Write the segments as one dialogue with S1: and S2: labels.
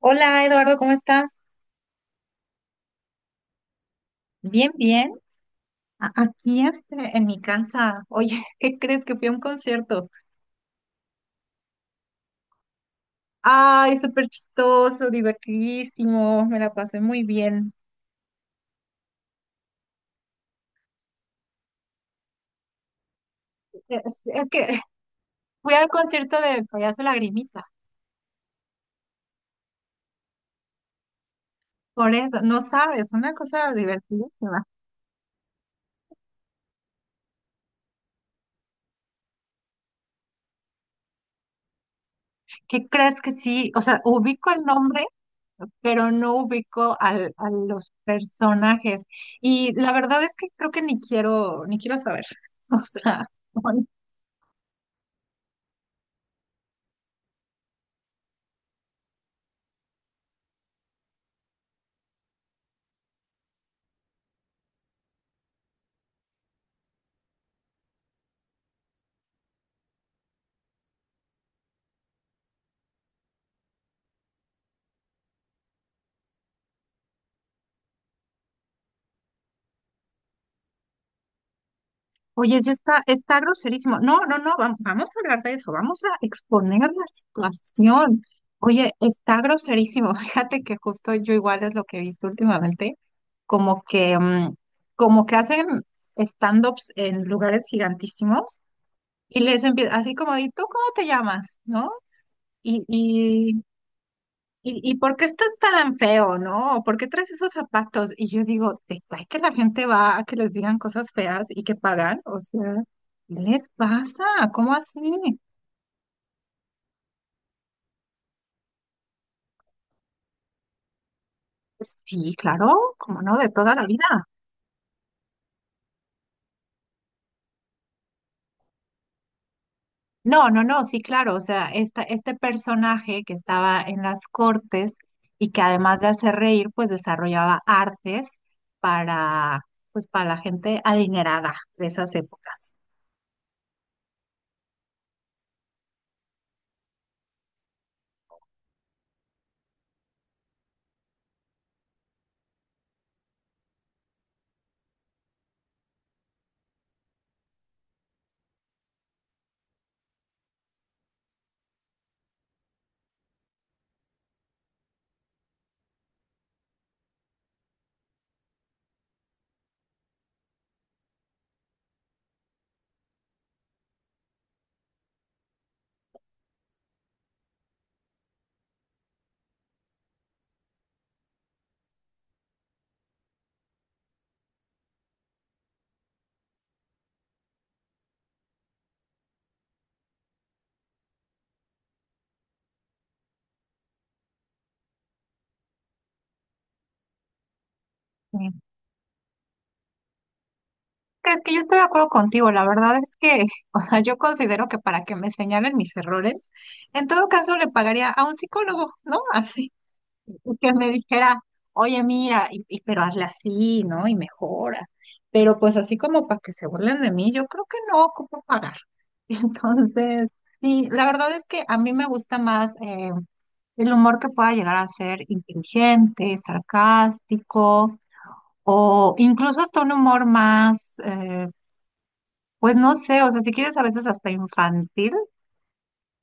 S1: Hola Eduardo, ¿cómo estás? Bien, bien. Aquí en mi casa. Oye, ¿qué crees que fui a un concierto? Ay, súper chistoso, divertidísimo, me la pasé muy bien. Es que fui al concierto de Payaso Lagrimita, por eso, no sabes, una cosa divertidísima. ¿Qué crees que sí? O sea, ubico el nombre, pero no ubico a los personajes. Y la verdad es que creo que ni quiero, ni quiero saber. O sea, oye, sí está groserísimo. No, no, no, vamos a hablar de eso, vamos a exponer la situación. Oye, está groserísimo. Fíjate que justo yo igual es lo que he visto últimamente, como que, como que hacen stand-ups en lugares gigantísimos y les empieza así como, ¿y tú cómo te llamas? ¿No? Y, ¿y, y por qué estás tan feo, no? ¿Por qué traes esos zapatos? Y yo digo, ¿te cae que la gente va a que les digan cosas feas y que pagan? O sea, ¿qué les pasa? ¿Cómo así? Sí, claro, como no, de toda la vida. No, no, no, sí, claro. O sea, este personaje que estaba en las cortes y que además de hacer reír, pues desarrollaba artes para, pues, para la gente adinerada de esas épocas. Sí. Es que yo estoy de acuerdo contigo, la verdad es que, o sea, yo considero que para que me señalen mis errores, en todo caso le pagaría a un psicólogo, ¿no? Así, y que me dijera, oye, mira, pero hazle así, ¿no? Y mejora. Pero pues así como para que se burlen de mí, yo creo que no ocupo pagar. Entonces, sí, la verdad es que a mí me gusta más el humor que pueda llegar a ser inteligente, sarcástico, o incluso hasta un humor más... pues no sé, o sea, si quieres a veces hasta infantil,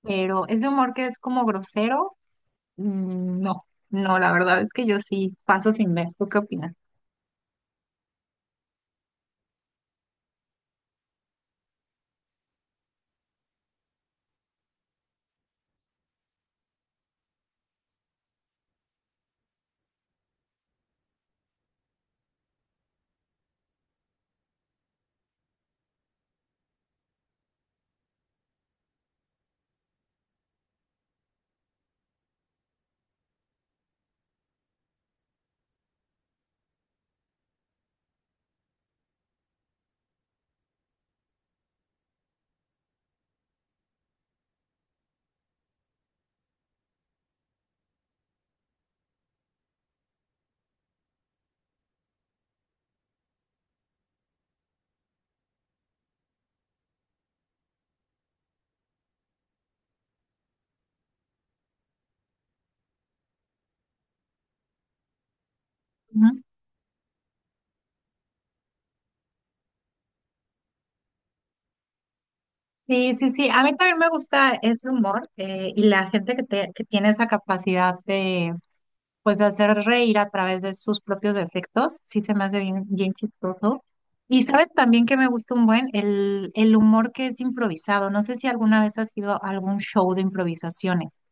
S1: pero ese humor que es como grosero, mm, no, no, la verdad es que yo sí paso sin ver. ¿Tú qué opinas? Ujú. Sí, sí, sí, a mí también me gusta ese humor y la gente que tiene esa capacidad de, pues, de hacer reír a través de sus propios defectos, sí se me hace bien, bien chistoso. Y sabes también que me gusta un buen el humor que es improvisado. No sé si alguna vez has ido a algún show de improvisaciones.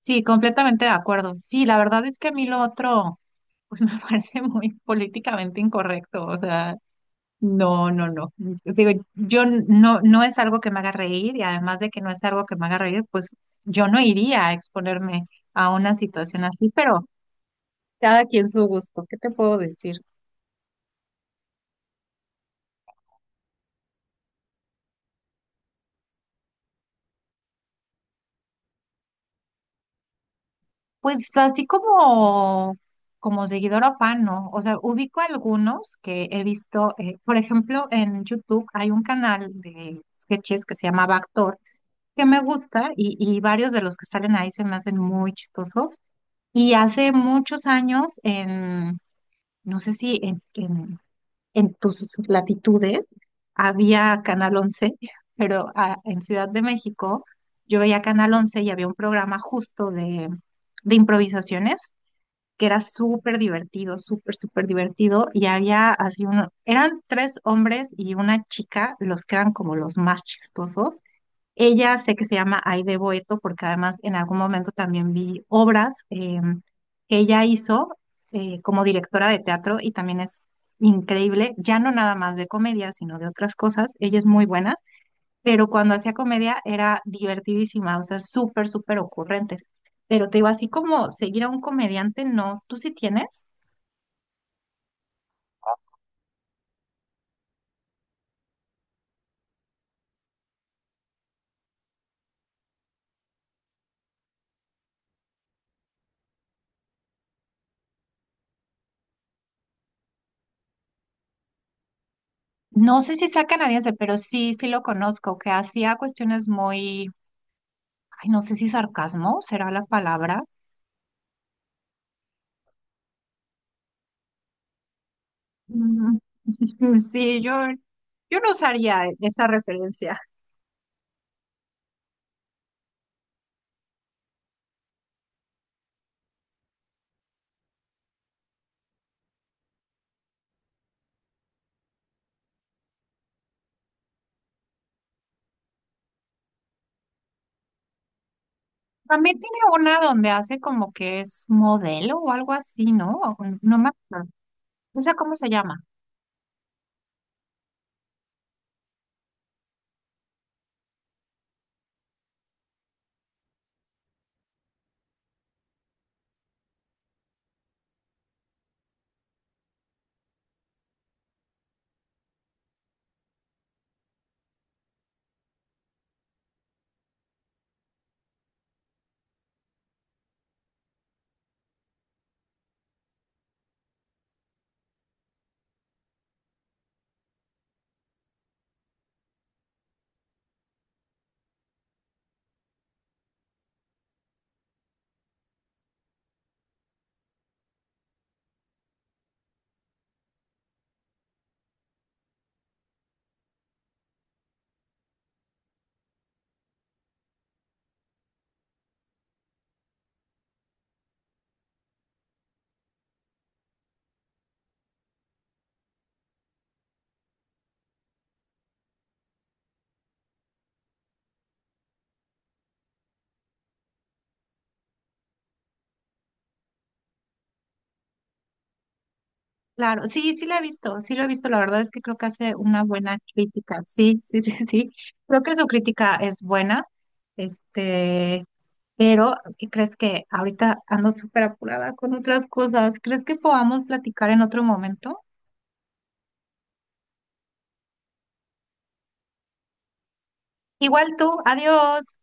S1: Sí, completamente de acuerdo. Sí, la verdad es que a mí lo otro, pues me parece muy políticamente incorrecto. O sea, no, no, no. Digo, no, no es algo que me haga reír y además de que no es algo que me haga reír, pues yo no iría a exponerme a una situación así, pero cada quien su gusto. ¿Qué te puedo decir? Pues así como, como seguidora o fan, ¿no? O sea, ubico algunos que he visto, por ejemplo, en YouTube hay un canal de sketches que se llama Backdoor, que me gusta y varios de los que salen ahí se me hacen muy chistosos. Y hace muchos años, no sé si en tus latitudes, había Canal Once pero ah, en Ciudad de México yo veía Canal Once y había un programa justo de improvisaciones que era súper divertido, súper, súper divertido, y había así uno, eran tres hombres y una chica, los que eran como los más chistosos. Ella sé que se llama Aide Boeto, porque además en algún momento también vi obras que ella hizo como directora de teatro y también es increíble, ya no nada más de comedia, sino de otras cosas. Ella es muy buena pero cuando hacía comedia era divertidísima, o sea, súper, súper ocurrentes. Pero te digo, así como seguir a un comediante, no, ¿tú sí tienes? No sé si sea canadiense, pero sí, sí lo conozco, que hacía cuestiones muy, ay, no sé si sarcasmo será la palabra. Mm, sí, yo no usaría esa referencia. También tiene una donde hace como que es modelo o algo así, ¿no? No me acuerdo. ¿Esa cómo se llama? Claro, sí, sí la he visto, sí lo he visto, la verdad es que creo que hace una buena crítica, sí, sí, sí, sí, creo que su crítica es buena, este, pero ¿qué crees que ahorita ando súper apurada con otras cosas? ¿Crees que podamos platicar en otro momento? Igual tú, adiós.